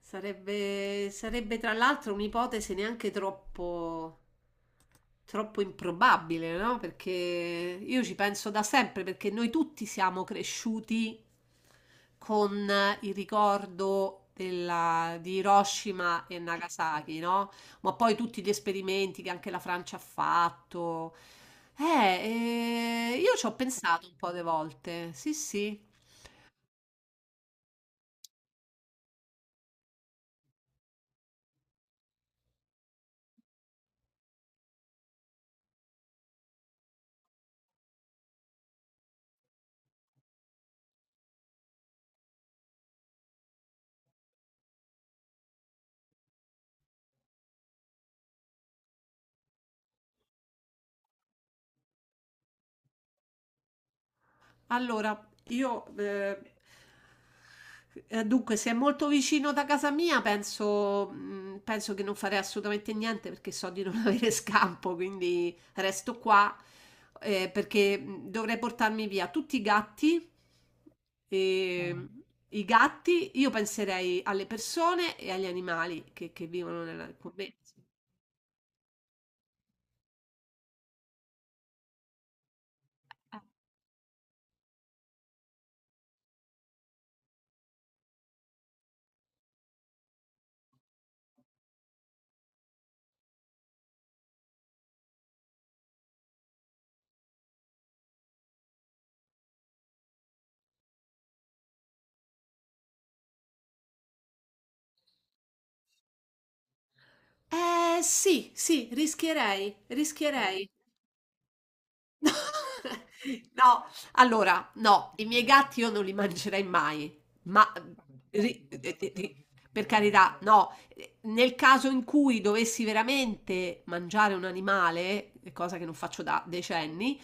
Sarebbe, sarebbe tra l'altro un'ipotesi neanche troppo improbabile, no? Perché io ci penso da sempre, perché noi tutti siamo cresciuti con il ricordo di Hiroshima e Nagasaki, no? Ma poi tutti gli esperimenti che anche la Francia ha fatto. Io ci ho pensato un po' di volte, sì, sì. Allora, io dunque, se è molto vicino da casa mia, penso, penso che non farei assolutamente niente perché so di non avere scampo, quindi resto qua perché dovrei portarmi via tutti i gatti. E, Mm. mh, I gatti, io penserei alle persone e agli animali che vivono con me. Eh sì, sì, rischierei. No, allora, no, i miei gatti io non li mangerei mai, ma eh, ri- eh, eh, eh, per carità, no, nel caso in cui dovessi veramente mangiare un animale, cosa che non faccio da decenni,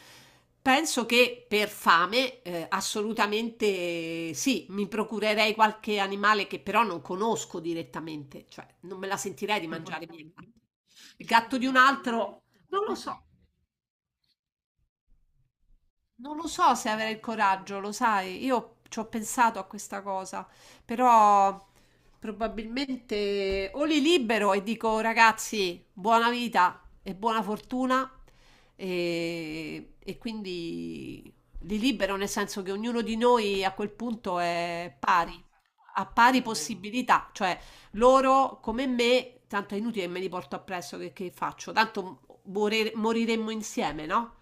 penso che per fame assolutamente sì, mi procurerei qualche animale che però non conosco direttamente, cioè non me la sentirei di mangiare i miei gatti. Il gatto di un altro, non lo so. Non lo so se avere il coraggio, lo sai, io ci ho pensato a questa cosa, però probabilmente o li libero e dico ragazzi, buona vita e buona fortuna e quindi li libero nel senso che ognuno di noi a quel punto è pari, ha pari possibilità, cioè loro, come me, tanto è inutile che me li porto appresso, che faccio? Tanto moriremmo insieme, no?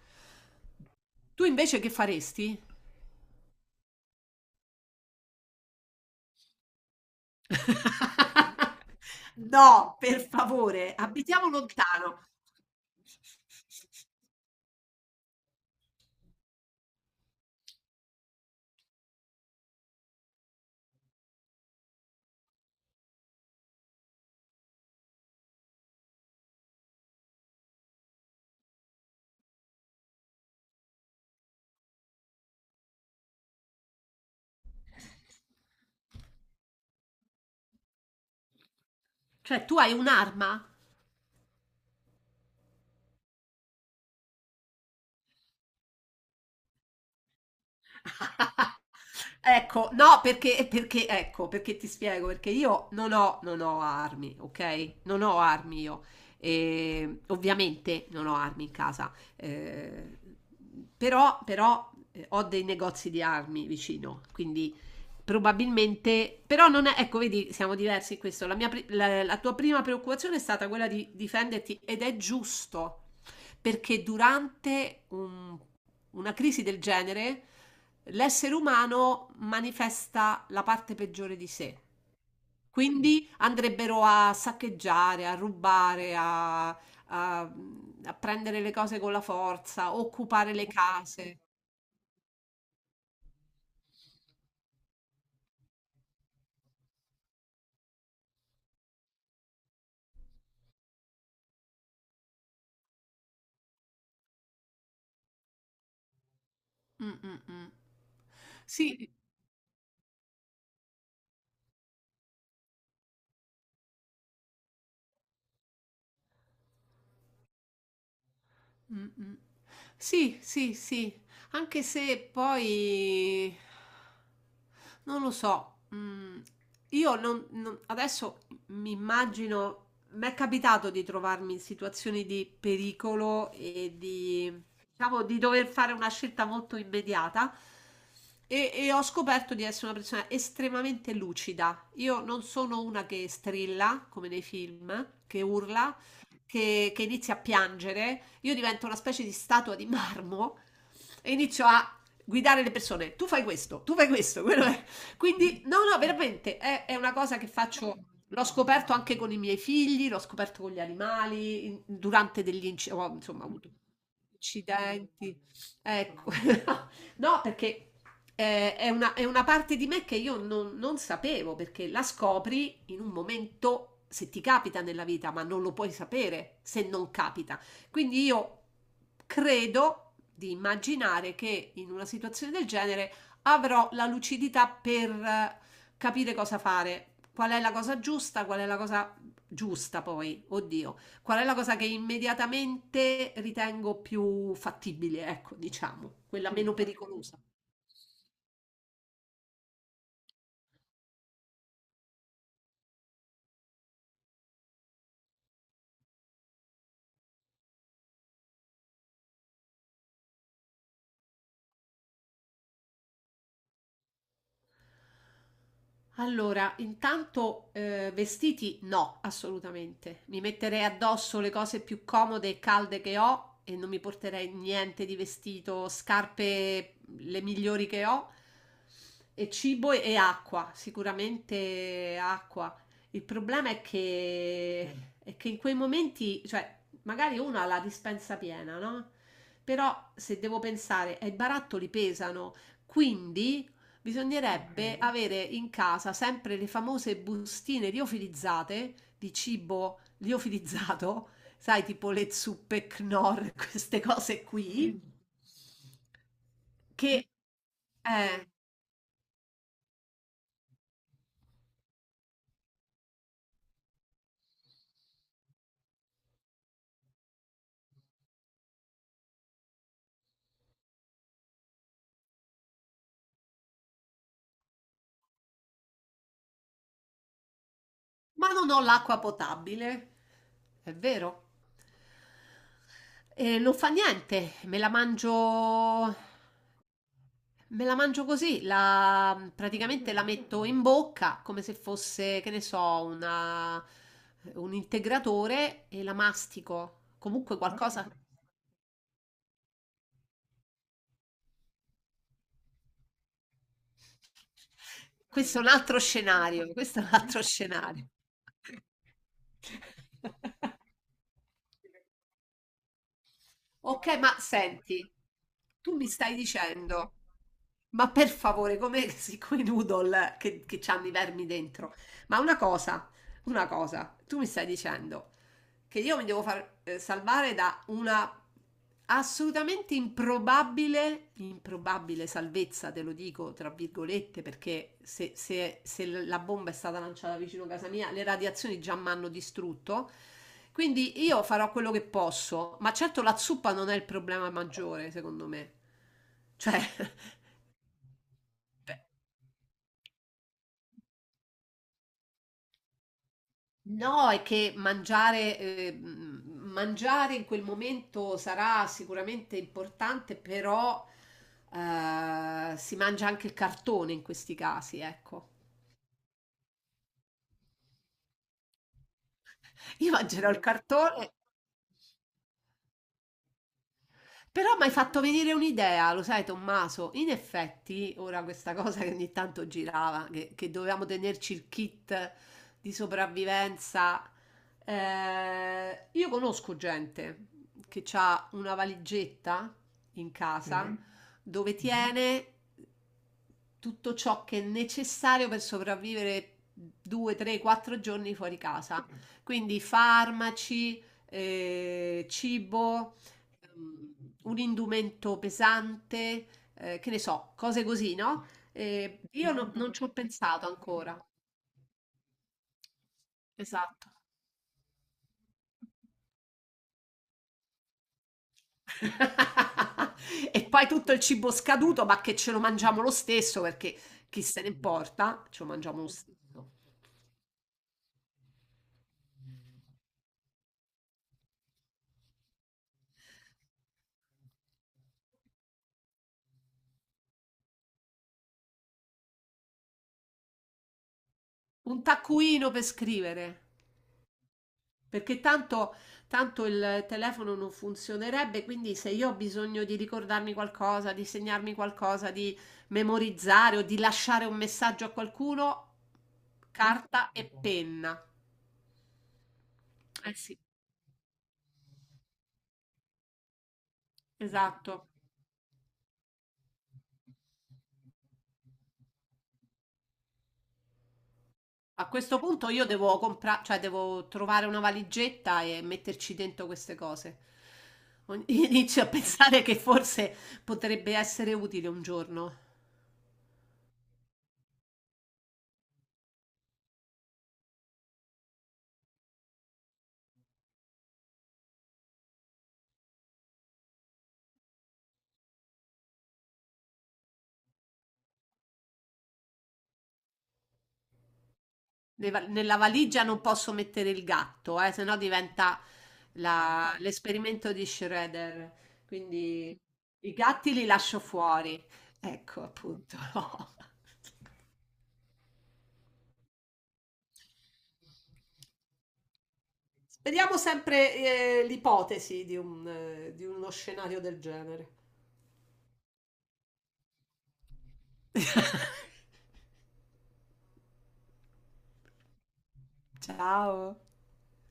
Tu invece che faresti? No, per favore, abitiamo lontano. Cioè, tu hai un'arma? Ecco, no, ecco, perché ti spiego, perché io non ho armi, ok? Non ho armi io. E ovviamente non ho armi in casa, però ho dei negozi di armi vicino, quindi probabilmente, però non è, ecco, vedi, siamo diversi in questo. La tua prima preoccupazione è stata quella di difenderti ed è giusto perché durante una crisi del genere l'essere umano manifesta la parte peggiore di sé. Quindi andrebbero a saccheggiare, a rubare, a prendere le cose con la forza, occupare le case. Mm, mm, mm. Sì, mm, mm. Sì, sì, sì, anche se poi non lo so. Io adesso mi immagino, mi è capitato di trovarmi in situazioni di pericolo diciamo, di dover fare una scelta molto immediata e ho scoperto di essere una persona estremamente lucida. Io non sono una che strilla, come nei film, che urla, che inizia a piangere, io divento una specie di statua di marmo e inizio a guidare le persone. Tu fai questo, tu fai questo. Quello è. Quindi, no, no, veramente è una cosa che faccio. L'ho scoperto anche con i miei figli, l'ho scoperto con gli animali, durante degli incendi, insomma, ho avuto accidenti. Ecco, no, perché è una parte di me che io non sapevo, perché la scopri in un momento, se ti capita nella vita, ma non lo puoi sapere se non capita. Quindi io credo di immaginare che in una situazione del genere avrò la lucidità per capire cosa fare, qual è la cosa giusta, qual è la cosa giusta poi, oddio, qual è la cosa che immediatamente ritengo più fattibile, ecco, diciamo, quella meno pericolosa. Allora, intanto, vestiti no, assolutamente. Mi metterei addosso le cose più comode e calde che ho e non mi porterei niente di vestito, scarpe le migliori che ho e cibo e acqua, sicuramente acqua. Il problema è che in quei momenti, cioè, magari uno ha la dispensa piena, no? Però se devo pensare, i barattoli pesano, quindi bisognerebbe avere in casa sempre le famose bustine liofilizzate di cibo liofilizzato, sai, tipo le zuppe Knorr, queste cose qui, che... eh, ma non ho l'acqua potabile, è vero. E non fa niente, me la mangio. Me la mangio così, praticamente la metto in bocca come se fosse, che ne so, una- un integratore e la mastico. Comunque qualcosa. Questo è un altro scenario, questo è un altro scenario. Ok, ma senti, tu mi stai dicendo, ma per favore, come siccome i noodle che c'hanno i vermi dentro, ma una cosa, una cosa, tu mi stai dicendo. Che io mi devo far salvare da una improbabile salvezza, te lo dico tra virgolette, perché se la bomba è stata lanciata vicino a casa mia, le radiazioni già mi hanno distrutto. Quindi io farò quello che posso, ma certo la zuppa non è il problema maggiore, secondo me. Cioè, no, è che mangiare, mangiare in quel momento sarà sicuramente importante, però si mangia anche il cartone in questi casi, ecco. Io mangerò il cartone. Però mi hai fatto venire un'idea, lo sai, Tommaso. In effetti, ora questa cosa che ogni tanto girava, che dovevamo tenerci il kit di sopravvivenza. Eh, io conosco gente che ha una valigetta in casa dove tiene tutto ciò che è necessario per sopravvivere due, tre, quattro giorni fuori casa. Quindi farmaci, cibo, ehm, un indumento pesante, che ne so, cose così, no? Io no- non ci ho pensato ancora. Esatto. E poi tutto il cibo scaduto, ma che ce lo mangiamo lo stesso perché chi se ne importa, ce lo mangiamo lo stesso. Un taccuino per scrivere. Perché tanto, tanto il telefono non funzionerebbe, quindi se io ho bisogno di ricordarmi qualcosa, di segnarmi qualcosa, di memorizzare o di lasciare un messaggio a qualcuno, carta e penna. Eh sì. Esatto. A questo punto io devo comprare, cioè devo trovare una valigetta e metterci dentro queste cose. Inizio a pensare che forse potrebbe essere utile un giorno. Nella valigia non posso mettere il gatto, sennò diventa l'esperimento di Schrödinger. Quindi i gatti li lascio fuori. Ecco, appunto, no. Speriamo sempre, l'ipotesi di un, di uno scenario del genere. Ciao.